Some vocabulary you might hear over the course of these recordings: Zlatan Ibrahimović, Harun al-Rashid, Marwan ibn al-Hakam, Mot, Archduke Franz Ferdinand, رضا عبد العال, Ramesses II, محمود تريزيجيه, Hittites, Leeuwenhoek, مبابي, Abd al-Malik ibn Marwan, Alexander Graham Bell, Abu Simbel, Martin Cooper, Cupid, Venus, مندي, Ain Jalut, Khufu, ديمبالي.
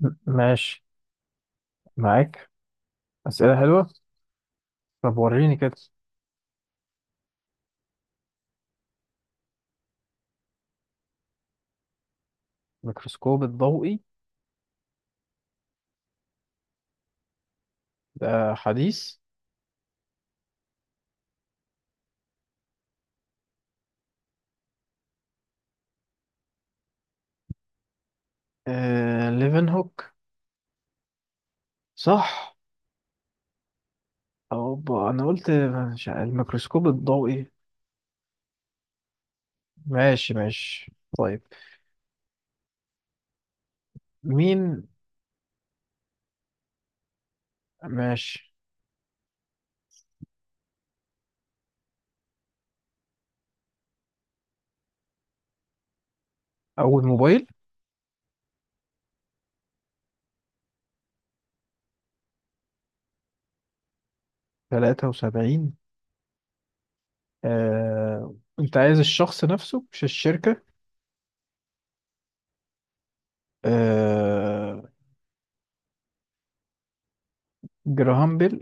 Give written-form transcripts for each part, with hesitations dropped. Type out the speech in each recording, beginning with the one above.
ماشي معاك. أسئلة حلوة. طب وريني كده. الميكروسكوب الضوئي ده حديث. ليفنهوك. صح. أوبا، أنا قلت. مش عارف، الميكروسكوب الضوئي. ماشي ماشي. طيب. مين ماشي؟ أول موبايل. 73. أنت عايز الشخص نفسه، مش الشركة. آه... جراهام بيل.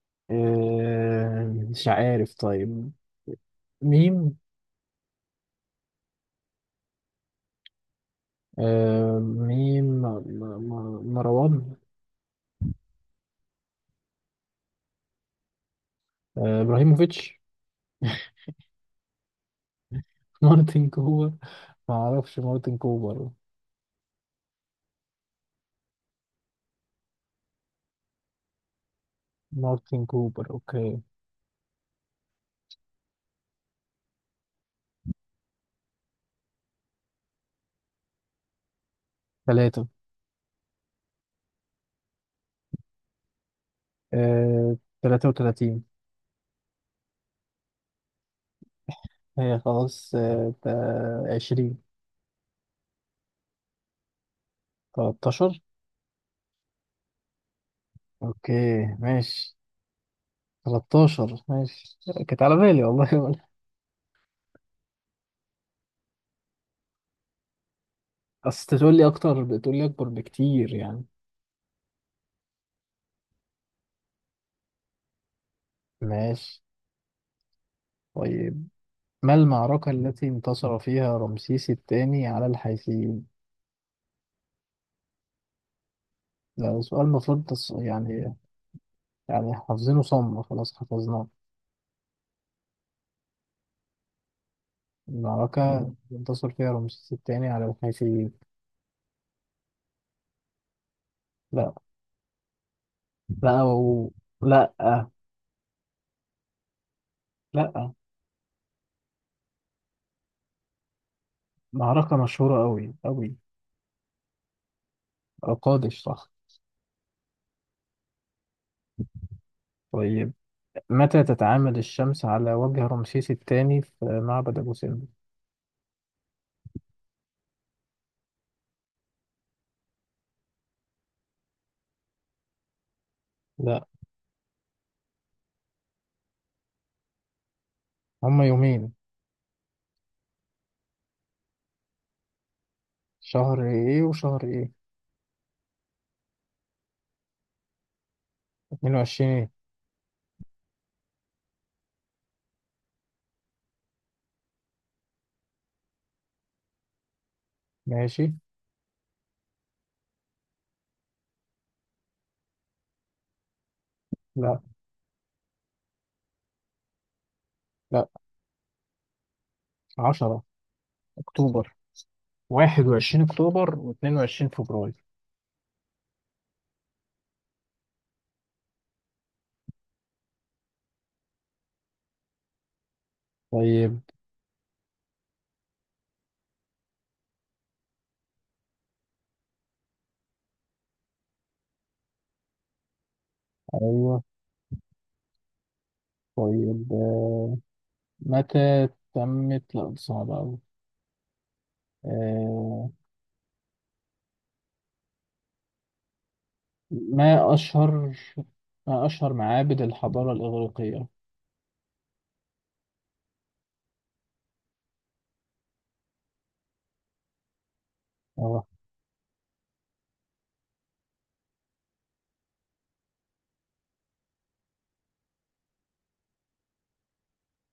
مش عارف، طيب. مين؟ مين مروان. ابراهيموفيتش. مارتن كوبر. ما اعرفش مارتن كوبر. مارتن كوبر، اوكي. ثلاثة. آه، 33. هي خلاص، 20. 13. اوكي ماشي. 13، ماشي. كانت على بالي والله. اصل تقول لي اكتر، بتقول لي اكبر بكتير يعني. ماشي. طيب. ما المعركة التي انتصر فيها رمسيس الثاني على الحيثيين؟ ده سؤال المفروض يعني، يعني حافظينه صم، خلاص حفظناه. المعركة انتصر فيها رمسيس الثاني على الحيثيين. لا. لا لا، لا. معركة مشهورة أوي أوي. قادش، صح. طيب. متى تتعامد الشمس على وجه رمسيس الثاني في معبد أبو سمبل؟ لا، هما يومين. شهر إيه وشهر إيه؟ 22 إيه؟ ماشي. لا لا. 10 أكتوبر. 21 أكتوبر و22 فبراير. طيب أيوه. طيب، متى تمت. لا دي صعبة أوي. آه، ما أشهر، ما أشهر معابد الحضارة الإغريقية؟ أه.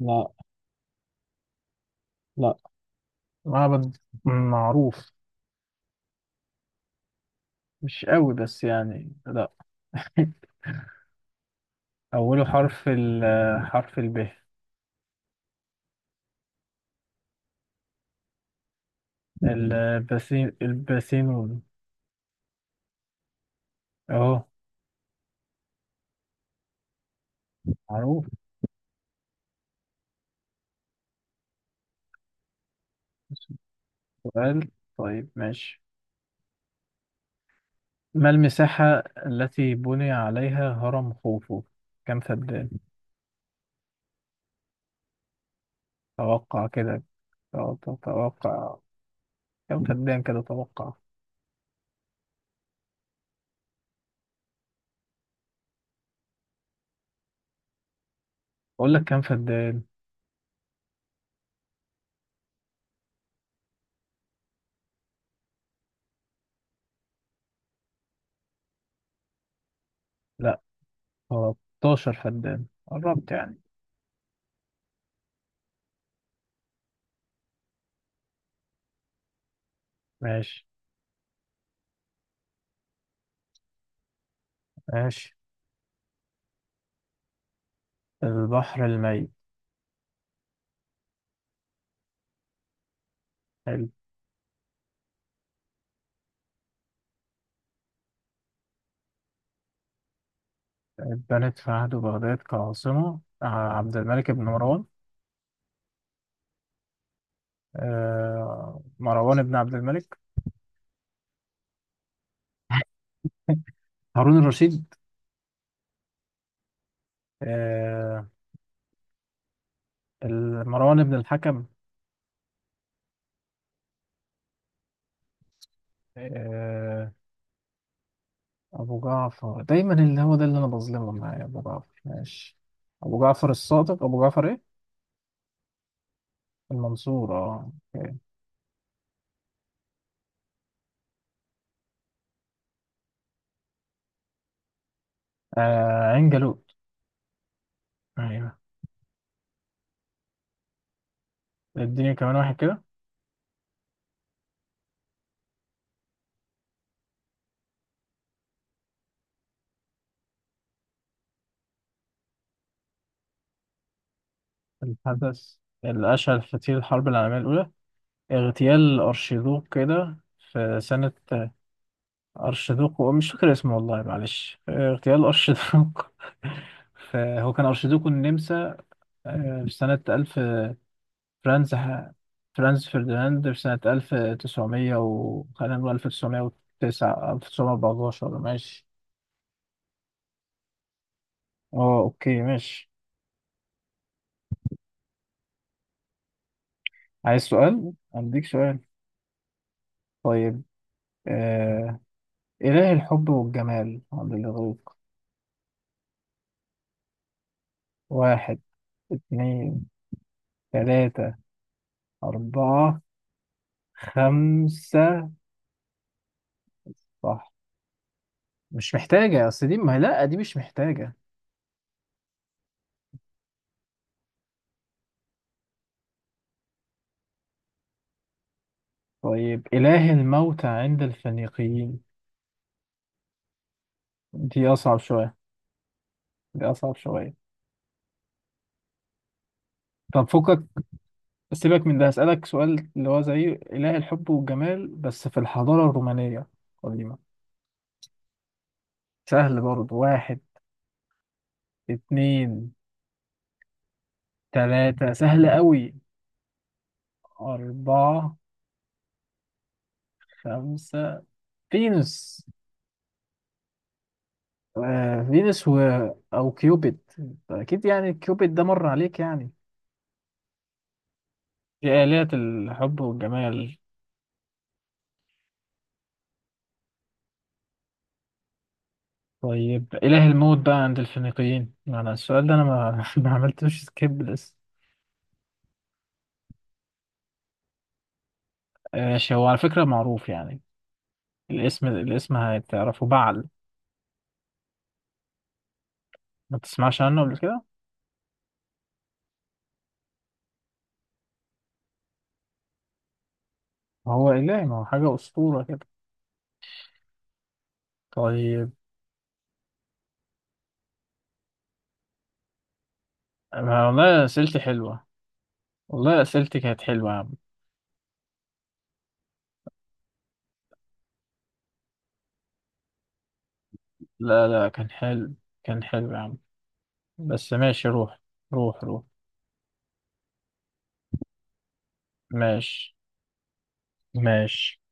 لا. لا. معبد معروف. مش قوي بس يعني، لا. أوله حرف ال. حرف ال. الباسينون. أهو، معروف. بس سؤال. طيب ماشي. ما المساحة التي بني عليها هرم خوفو؟ كم فدان؟ توقع كده. اه، تتوقع. كم فدان كده، توقع. اقول لك كم فدان. لا، 13 فدان، قربت يعني. ماشي ماشي. البحر الميت. حلو. اتبنت في عهد بغداد كعاصمة، عبد الملك بن مروان. مروان بن عبد الملك. هارون الرشيد. آه مروان بن الحكم. آه. أبو جعفر دايما، اللي هو ده اللي أنا بظلمه، معايا أبو جعفر، ماشي. أبو جعفر الصادق، أبو جعفر إيه؟ المنصور، اه. عين جالوت. أيوه. اديني كمان واحد كده. الحدث الأشهر في تاريخ الحرب العالمية الأولى، اغتيال أرشيدوق كده في سنة. أرشيدوق مش فاكر اسمه والله، معلش، اغتيال أرشيدوق. هو كان أرشيدوق النمسا، في سنة 1000. فرانز. فرانز فرديناند، في سنة 1900، و خلينا نقول 1909، 1914، ماشي. اه أوكي ماشي. عايز سؤال؟ أديك سؤال. طيب، آه. إله الحب والجمال؟ عبد الغفور. واحد، اتنين، تلاتة، أربعة، خمسة. صح. مش محتاجة، أصل دي، ما لأ، دي مش محتاجة. طيب. إله الموتى عند الفينيقيين. دي أصعب شوية. دي أصعب شوية. طب فكك. سيبك من ده، هسألك سؤال اللي هو زي إله الحب والجمال بس في الحضارة الرومانية القديمة. سهل برضه. واحد، اتنين، تلاتة، سهل قوي. أربعة، خمسة. فينوس. آه فينوس و... او كيوبيد. اكيد يعني، كيوبيد ده مر عليك يعني. دي آلهة الحب والجمال. طيب إله الموت بقى عند الفينيقيين. أنا السؤال ده أنا ما, ما عملتوش سكيب لسه. ماشي، هو على فكرة معروف يعني. الاسم هتعرفه، بعل. ما تسمعش عنه قبل كده؟ هو إله، ما هو حاجة أسطورة كده. طيب. أنا والله أسئلتي حلوة. والله أسئلتي كانت حلوة يا عم. لا لا، كان حلو. كان حلو يا عم. بس ماشي، روح. روح روح. ماشي ماشي.